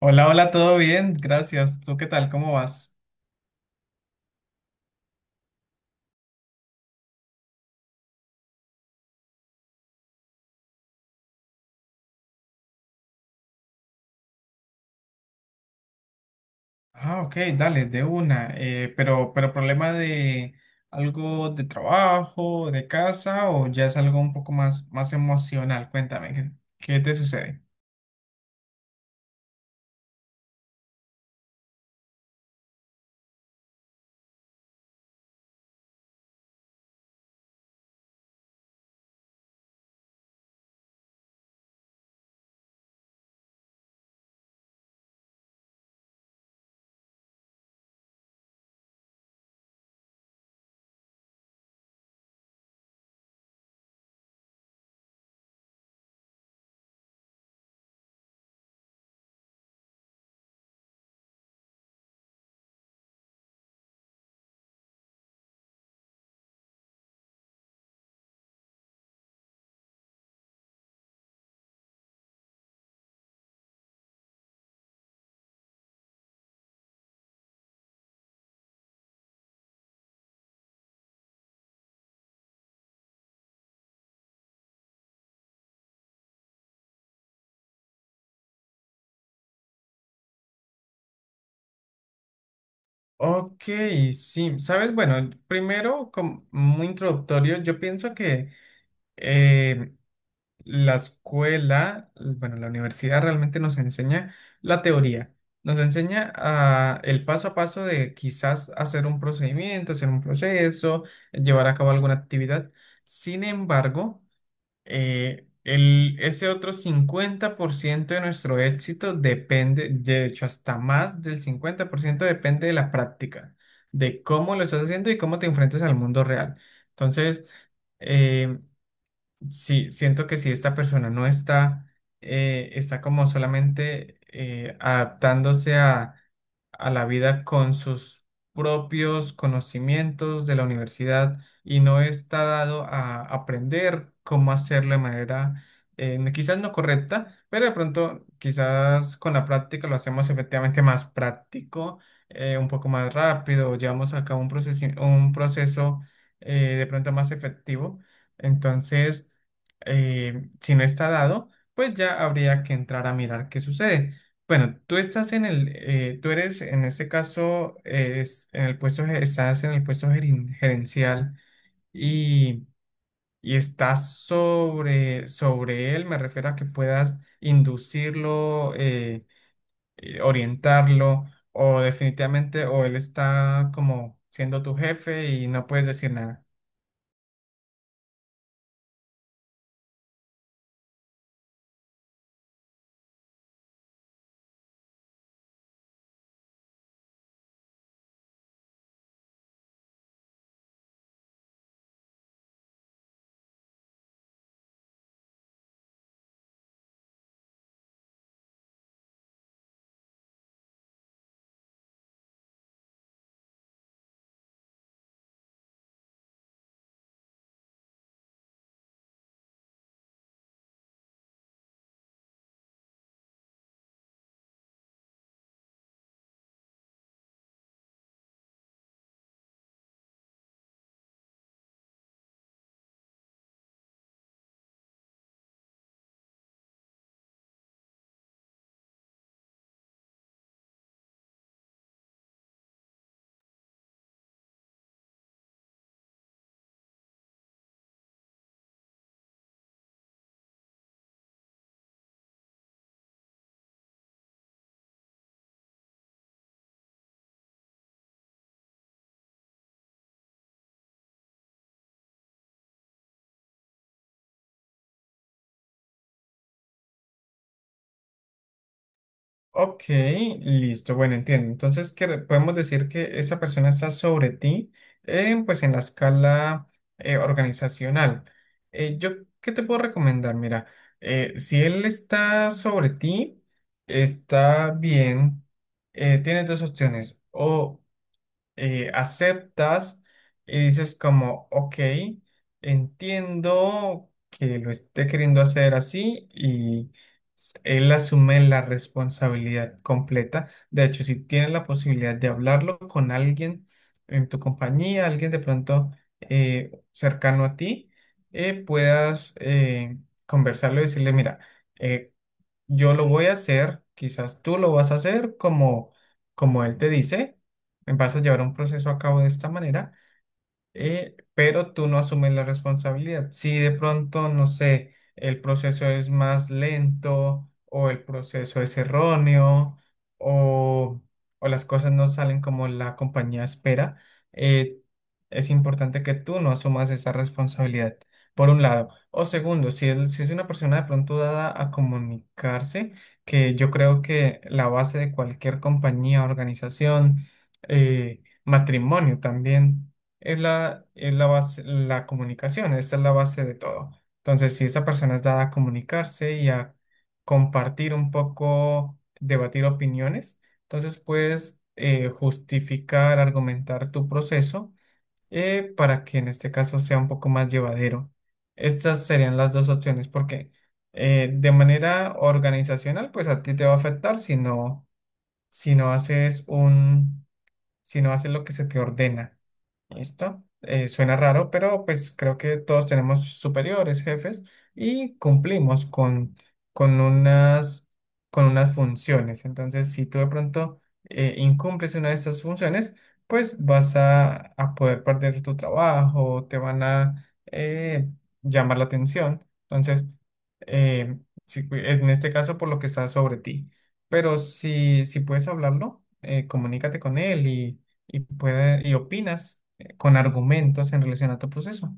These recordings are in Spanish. Hola, hola, todo bien, gracias. ¿Tú qué tal? ¿Cómo vas? Ah, ok, dale, de una. Pero problema de algo de trabajo, de casa, o ya es algo un poco más, más emocional. Cuéntame, ¿qué te sucede? Ok, sí, sabes, bueno, primero, como muy introductorio, yo pienso que eh, La escuela, bueno, la universidad realmente nos enseña la teoría, nos enseña el paso a paso de quizás hacer un procedimiento, hacer un proceso, llevar a cabo alguna actividad. Sin embargo, ese otro 50% de nuestro éxito depende, de hecho, hasta más del 50% depende de la práctica, de cómo lo estás haciendo y cómo te enfrentas al mundo real. Entonces, eh, sí, siento que si esta persona no está, está como solamente adaptándose a la vida con sus propios conocimientos de la universidad y no está dado a aprender cómo hacerlo de manera quizás no correcta, pero de pronto quizás con la práctica lo hacemos efectivamente más práctico, un poco más rápido, llevamos a cabo un proceso, un proceso de pronto más efectivo. Entonces, si no está dado, pues ya habría que entrar a mirar qué sucede. Bueno, tú eres en este caso, en el estás en el puesto gerencial y, y estás sobre él, me refiero a que puedas inducirlo, orientarlo o definitivamente, o él está como siendo tu jefe y no puedes decir nada. Ok, listo, bueno, entiendo. Entonces, podemos decir que esa persona está sobre ti, pues en la escala organizacional. Eh, yo, ¿Qué te puedo recomendar? Mira, si él está sobre ti, está bien, tienes dos opciones. O aceptas y dices como, ok, entiendo que lo esté queriendo hacer así y él asume la responsabilidad completa. De hecho, si tienes la posibilidad de hablarlo con alguien en tu compañía, alguien de pronto cercano a ti, puedas conversarlo y decirle, mira, eh, yo lo voy a hacer, quizás tú lo vas a hacer como, como él te dice, vas a llevar un proceso a cabo de esta manera, pero tú no asumes la responsabilidad. Si de pronto, no sé, el proceso es más lento o el proceso es erróneo o, o las cosas no salen como la compañía espera, eh, es importante que tú no asumas esa responsabilidad, por un lado. O segundo, si es una persona de pronto dada a comunicarse, que yo creo que la base de cualquier compañía, organización, matrimonio también es la base, la comunicación, esta es la base de todo. Entonces, si esa persona es dada a comunicarse y a compartir un poco, debatir opiniones, entonces puedes justificar, argumentar tu proceso para que en este caso sea un poco más llevadero. Estas serían las dos opciones, porque de manera organizacional, pues a ti te va a afectar si no haces un, si no haces lo que se te ordena. Listo. Suena raro, pero pues creo que todos tenemos superiores, jefes, y cumplimos con unas, con unas funciones. Entonces, si tú de pronto incumples una de esas funciones, pues a poder perder tu trabajo, te van a llamar la atención. Entonces, eh, en este caso, por lo que está sobre ti. Pero si puedes hablarlo, comunícate con él y y opinas con argumentos en relación a tu proceso.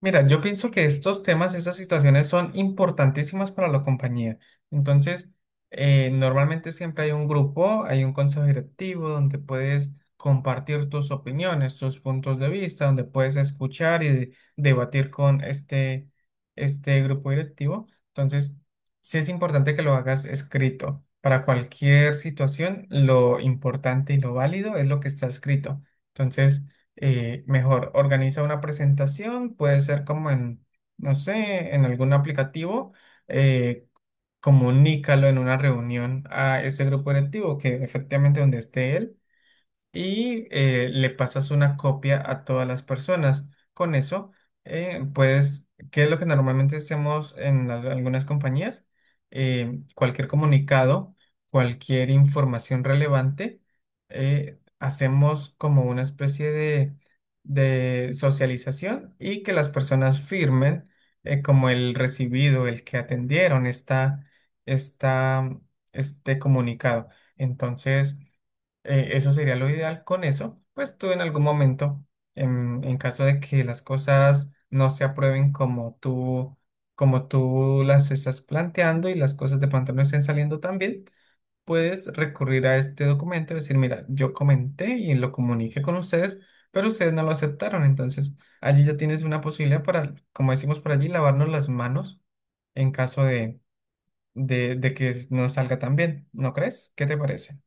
Mira, yo pienso que estos temas, estas situaciones son importantísimas para la compañía. Entonces, normalmente siempre hay un grupo, hay un consejo directivo donde puedes compartir tus opiniones, tus puntos de vista, donde puedes escuchar y debatir con este, este grupo directivo. Entonces, sí es importante que lo hagas escrito. Para cualquier situación, lo importante y lo válido es lo que está escrito. Entonces, mejor organiza una presentación, puede ser como en, no sé, en algún aplicativo, eh, comunícalo en una reunión a ese grupo directivo, que efectivamente donde esté él y le pasas una copia a todas las personas. Con eso, pues, ¿qué es lo que normalmente hacemos en algunas compañías? Cualquier comunicado, cualquier información relevante, hacemos como una especie de socialización y que las personas firmen como el recibido, el que atendieron esta, este comunicado. Entonces, eso sería lo ideal con eso. Pues tú en algún momento, en caso de que las cosas no se aprueben como tú las estás planteando y las cosas de pronto no estén saliendo tan bien, puedes recurrir a este documento y decir, mira, yo comenté y lo comuniqué con ustedes, pero ustedes no lo aceptaron. Entonces, allí ya tienes una posibilidad para, como decimos por allí, lavarnos las manos en caso de que no salga tan bien. ¿No crees? ¿Qué te parece?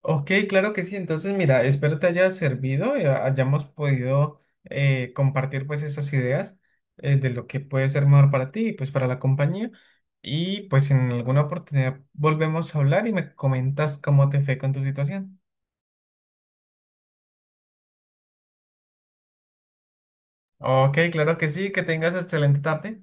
Ok, claro que sí. Entonces, mira, espero te haya servido y hayamos podido compartir pues esas ideas de lo que puede ser mejor para ti y pues para la compañía. Y pues en alguna oportunidad volvemos a hablar y me comentas cómo te fue con tu situación. Ok, claro que sí. Que tengas excelente tarde.